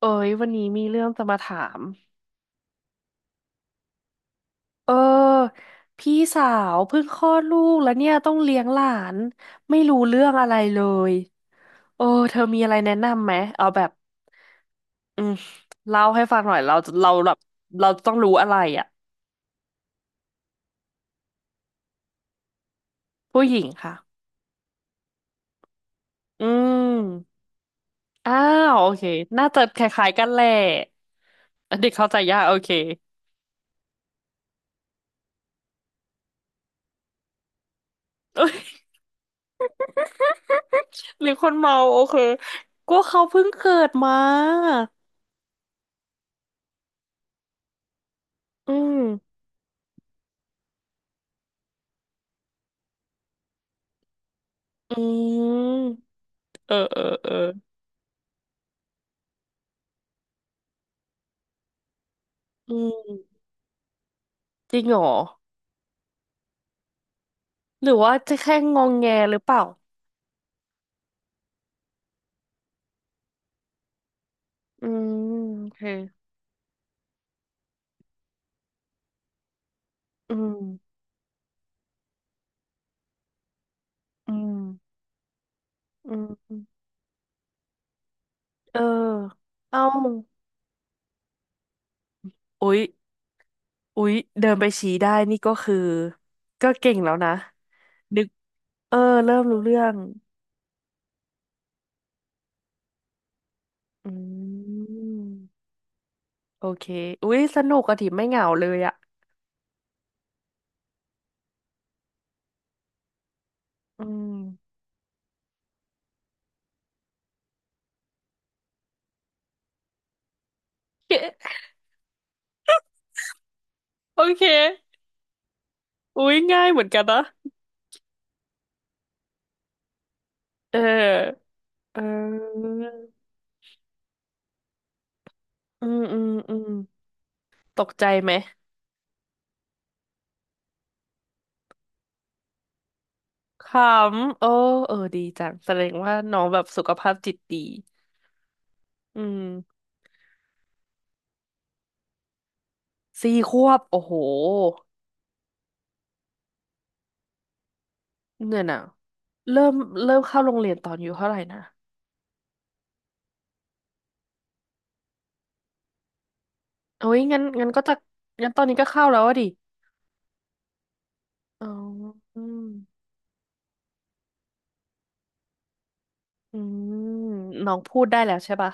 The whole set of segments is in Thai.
เอ้ยวันนี้มีเรื่องจะมาถามเออพี่สาวเพิ่งคลอดลูกแล้วเนี่ยต้องเลี้ยงหลานไม่รู้เรื่องอะไรเลยเออเธอมีอะไรแนะนำไหมเอาแบบอืมเล่าให้ฟังหน่อยเราแบบเราต้องรู้อะไรอ่ะผู้หญิงค่ะอืมอ้าวโอเคน่าจะคล้ายๆกันแหละอันเด็กเข้าใจยากโอเค เอ้ยหรือคนเมาโอเคก็เขาเพิ่งเกิดมาอืมอืมเออเออเออ อืมจริงเหรอหรือว่าจะแค่งองแงหรือเปล่าอืมโอเคอืมอืมอืมเออเอ้าอุ๊ยอุ๊ยเดินไปชี้ได้นี่ก็คือก็เก่งแล้วนะนึกเออเริ่มรู้เรื่องอืมโอเคอุ๊ยสนุกอะถิไม่เหงาเลยอะอืม โอเคอุ๊ยง่ายเหมือนกันนะเออเอออืมอืมอืมตกใจไหม ขำโอ้เออดีจังแสดงว่าน้องแบบสุขภาพจิตดีอืมสี่ขวบโอ้โหเนี่ยนะเริ่มเริ่มเข้าโรงเรียนตอนอายู่เท่าไหร่นะโอ้ยงั้นก็จะงั้นตอนนี้ก็เข้าแล้วอะดิอ๋ออืมอืมน้องพูดได้แล้วใช่ปะ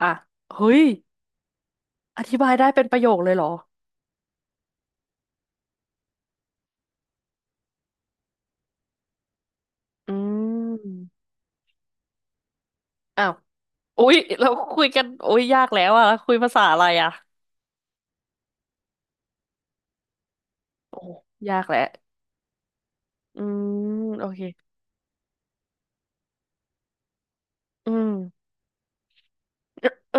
อ่ะเฮ้ยอธิบายได้เป็นประโยคเลยเหรออืมอ้าวอุ้ยเราคุยกันโอ้ยยากแล้วอะคุยภาษาอะไรอะโอ้ยากแล้วอืมโอเคอืม เออ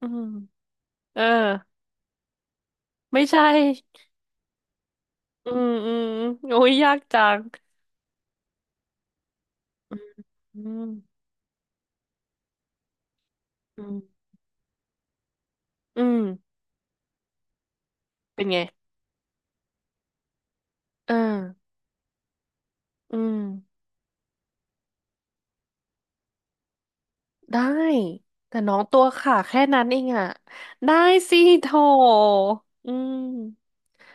อืมเออไม่ใช่อืมอืมโอ้ยยากจังอืมอืมอืมอืมเป็นไงเอออืมได้แต่น้องตัวขาแค่นั้นเองอะได้สิโถอืม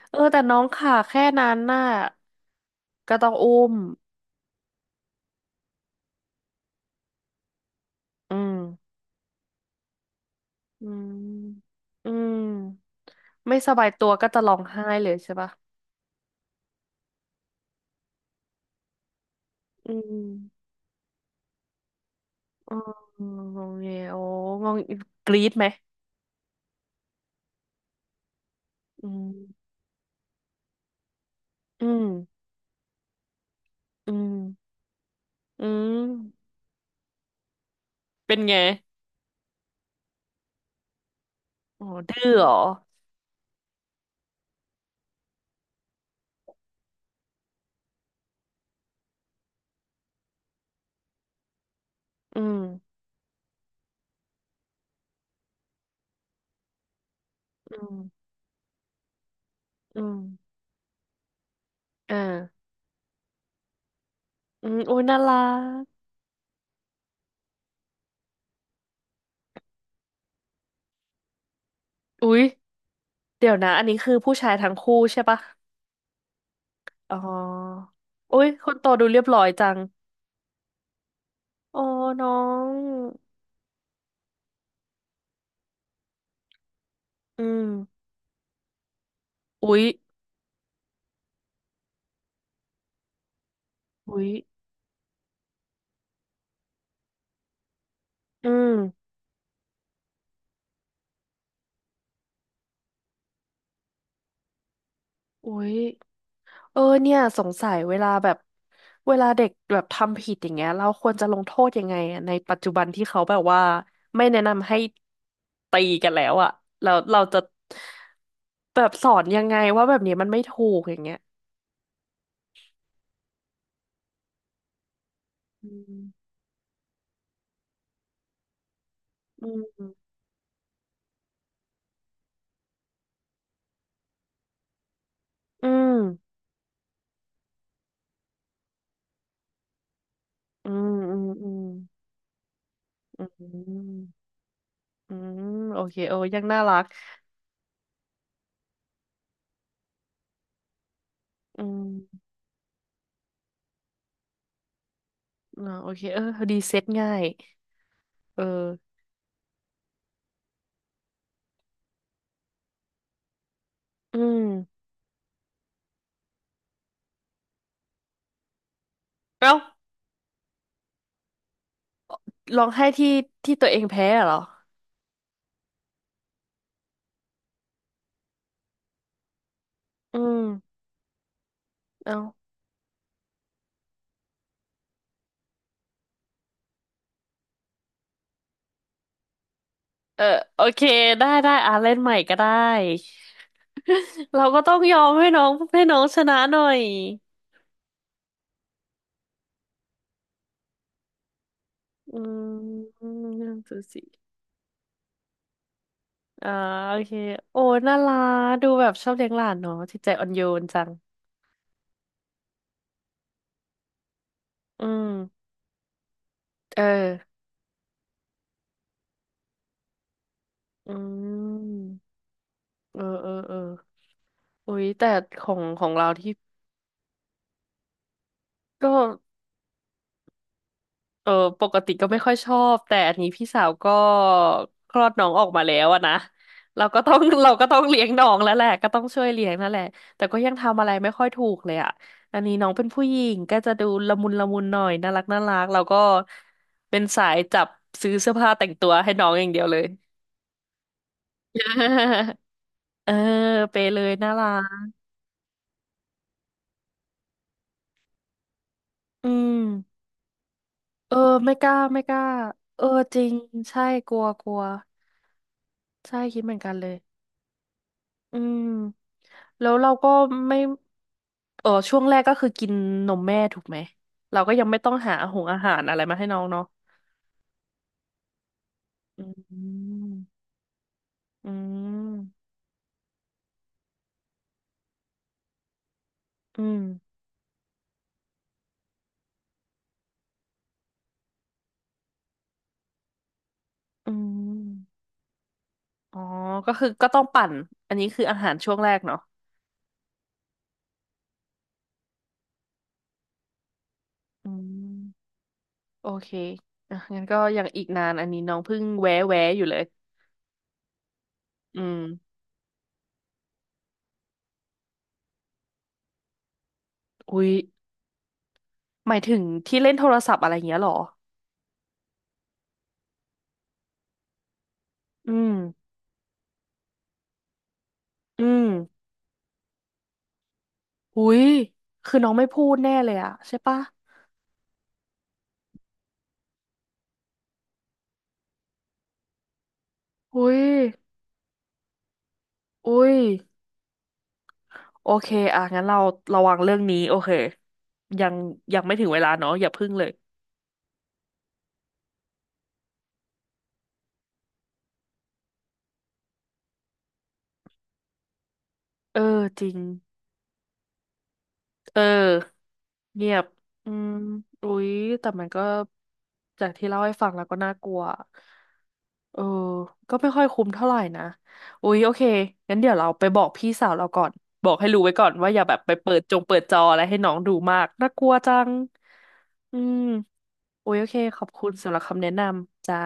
เออแต่น้องขาแค่นั้นน่ะก็ต้องอุ้มอืมอืมอืมไม่สบายตัวก็จะร้องไห้เลยใช่ปะอืม อ๋องงเงโอ้งงกรี๊ดไหมอืมอืมอืมอืมเป็นไงอ๋อดื้อเหรออืมอืมอืมอ่าอืมอุ้ยน่ารักอุ้ยเดี๋ยวนะอันนี้คือผู้ชายทั้งคู่ใช่ปะอ๋ออุ้ยคนโตดูเรียบร้อยจังอ๋อน้องอืมอุ้ยอุ้ยอืมอุ้ย เออเนี่ยสงสัยเวลาแบบเวลาเด็กแบบทำผิดอย่างเงี้ยเราควรจะลงโทษยังไงอะในปัจจุบันที่เขาแบบว่าไม่แนะนำให้ตีกันแล้วอะแล้วเราจะแบบสอนยังไงว่าแบบนี้มันไม่ถูกอย่างเงี้ยอืมอืมอืมอืมอืมอืมอืมอืมโอเคเอ้ยังน่ารักอืมอ่าโอเคเออดีเซ็ตง่ายเอออืมเอ้าร้องไห้ที่ที่ตัวเองแพ้เหรออืม เอาเออโอเคได้ได้อ่ะเล่นใหม่ก็ได้เราก็ต้องยอมให้น้องให้น้องชนะหน่อยอืมหนึ่งสองสี่อ่าโอเคโอ้น่ารักดูแบบชอบเลี้ยงหลานเนาะจิตใจอ่อนโยนจังอืมเอออืมเออเออเอออุ้ยแต่ของเราที่ก็ เออปกติก็ไม่ค่อยชอบแต่อันนี้พี่สาวก็คลอดน้องออกมาแล้วอะนะเราก็ต้อง เราก็ต้องเลี้ยงน้องแล้วแหละก็ต้องช่วยเลี้ยงนั่นแหละแต่ก็ยังทำอะไรไม่ค่อยถูกเลยอะอันนี้น้องเป็นผู้หญิงก็จะดูละมุนละมุนหน่อยน่ารักน่ารักเราก็เป็นสายจับซื้อเสื้อผ้าแต่งตัวให้น้องอย่างเดียวเลย เออไปเลยน่ารักอืมเออไม่กล้าไม่กล้าเออจริงใช่กลัวกลัวใช่คิดเหมือนกันเลย อืมแล้วเราก็ไม่เออช่วงแรกก็คือกินนมแม่ถูกไหมเราก็ยังไม่ต้องหาหงอาหารอะไรมาให้น้องเนาะอืมอืมอืมอืมอ๋อก็คือก็ต้องปั่นอันนี้คืออาหารช่วงแรกเนาะอืมโอเคอ่ะงั้นก็ยังอีกนานอันนี้น้องเพิ่งแวะแวะอยู่เลยอืมอุ๊ยหมายถึงที่เล่นโทรศัพท์อะไรอย่างเงี้ยเหรออืมอืมอุ๊ยคือน้องไม่พูดแน่เลยอะใช่ปะ อุ้ยอุ้ยโอเคอ่ะงั้นเราระวังเรื่องนี้ โอเค ยังยังไม่ถึงเวลาเนาะอย่าพึ่งเลย เออ จริง เออเงียบอืมอุ๊ยแต่มันก็จากที่เล่าให้ฟังแล้วก็น่ากลัวเออก็ไม่ค่อยคุ้มเท่าไหร่นะอุ๊ยโอเคงั้นเดี๋ยวเราไปบอกพี่สาวเราก่อนบอกให้รู้ไว้ก่อนว่าอย่าแบบไปเปิดจงเปิดจออะไรให้น้องดูมากน่ากลัวจังอืมอุ๊ยโอเคขอบคุณสำหรับคำแนะนำจ้า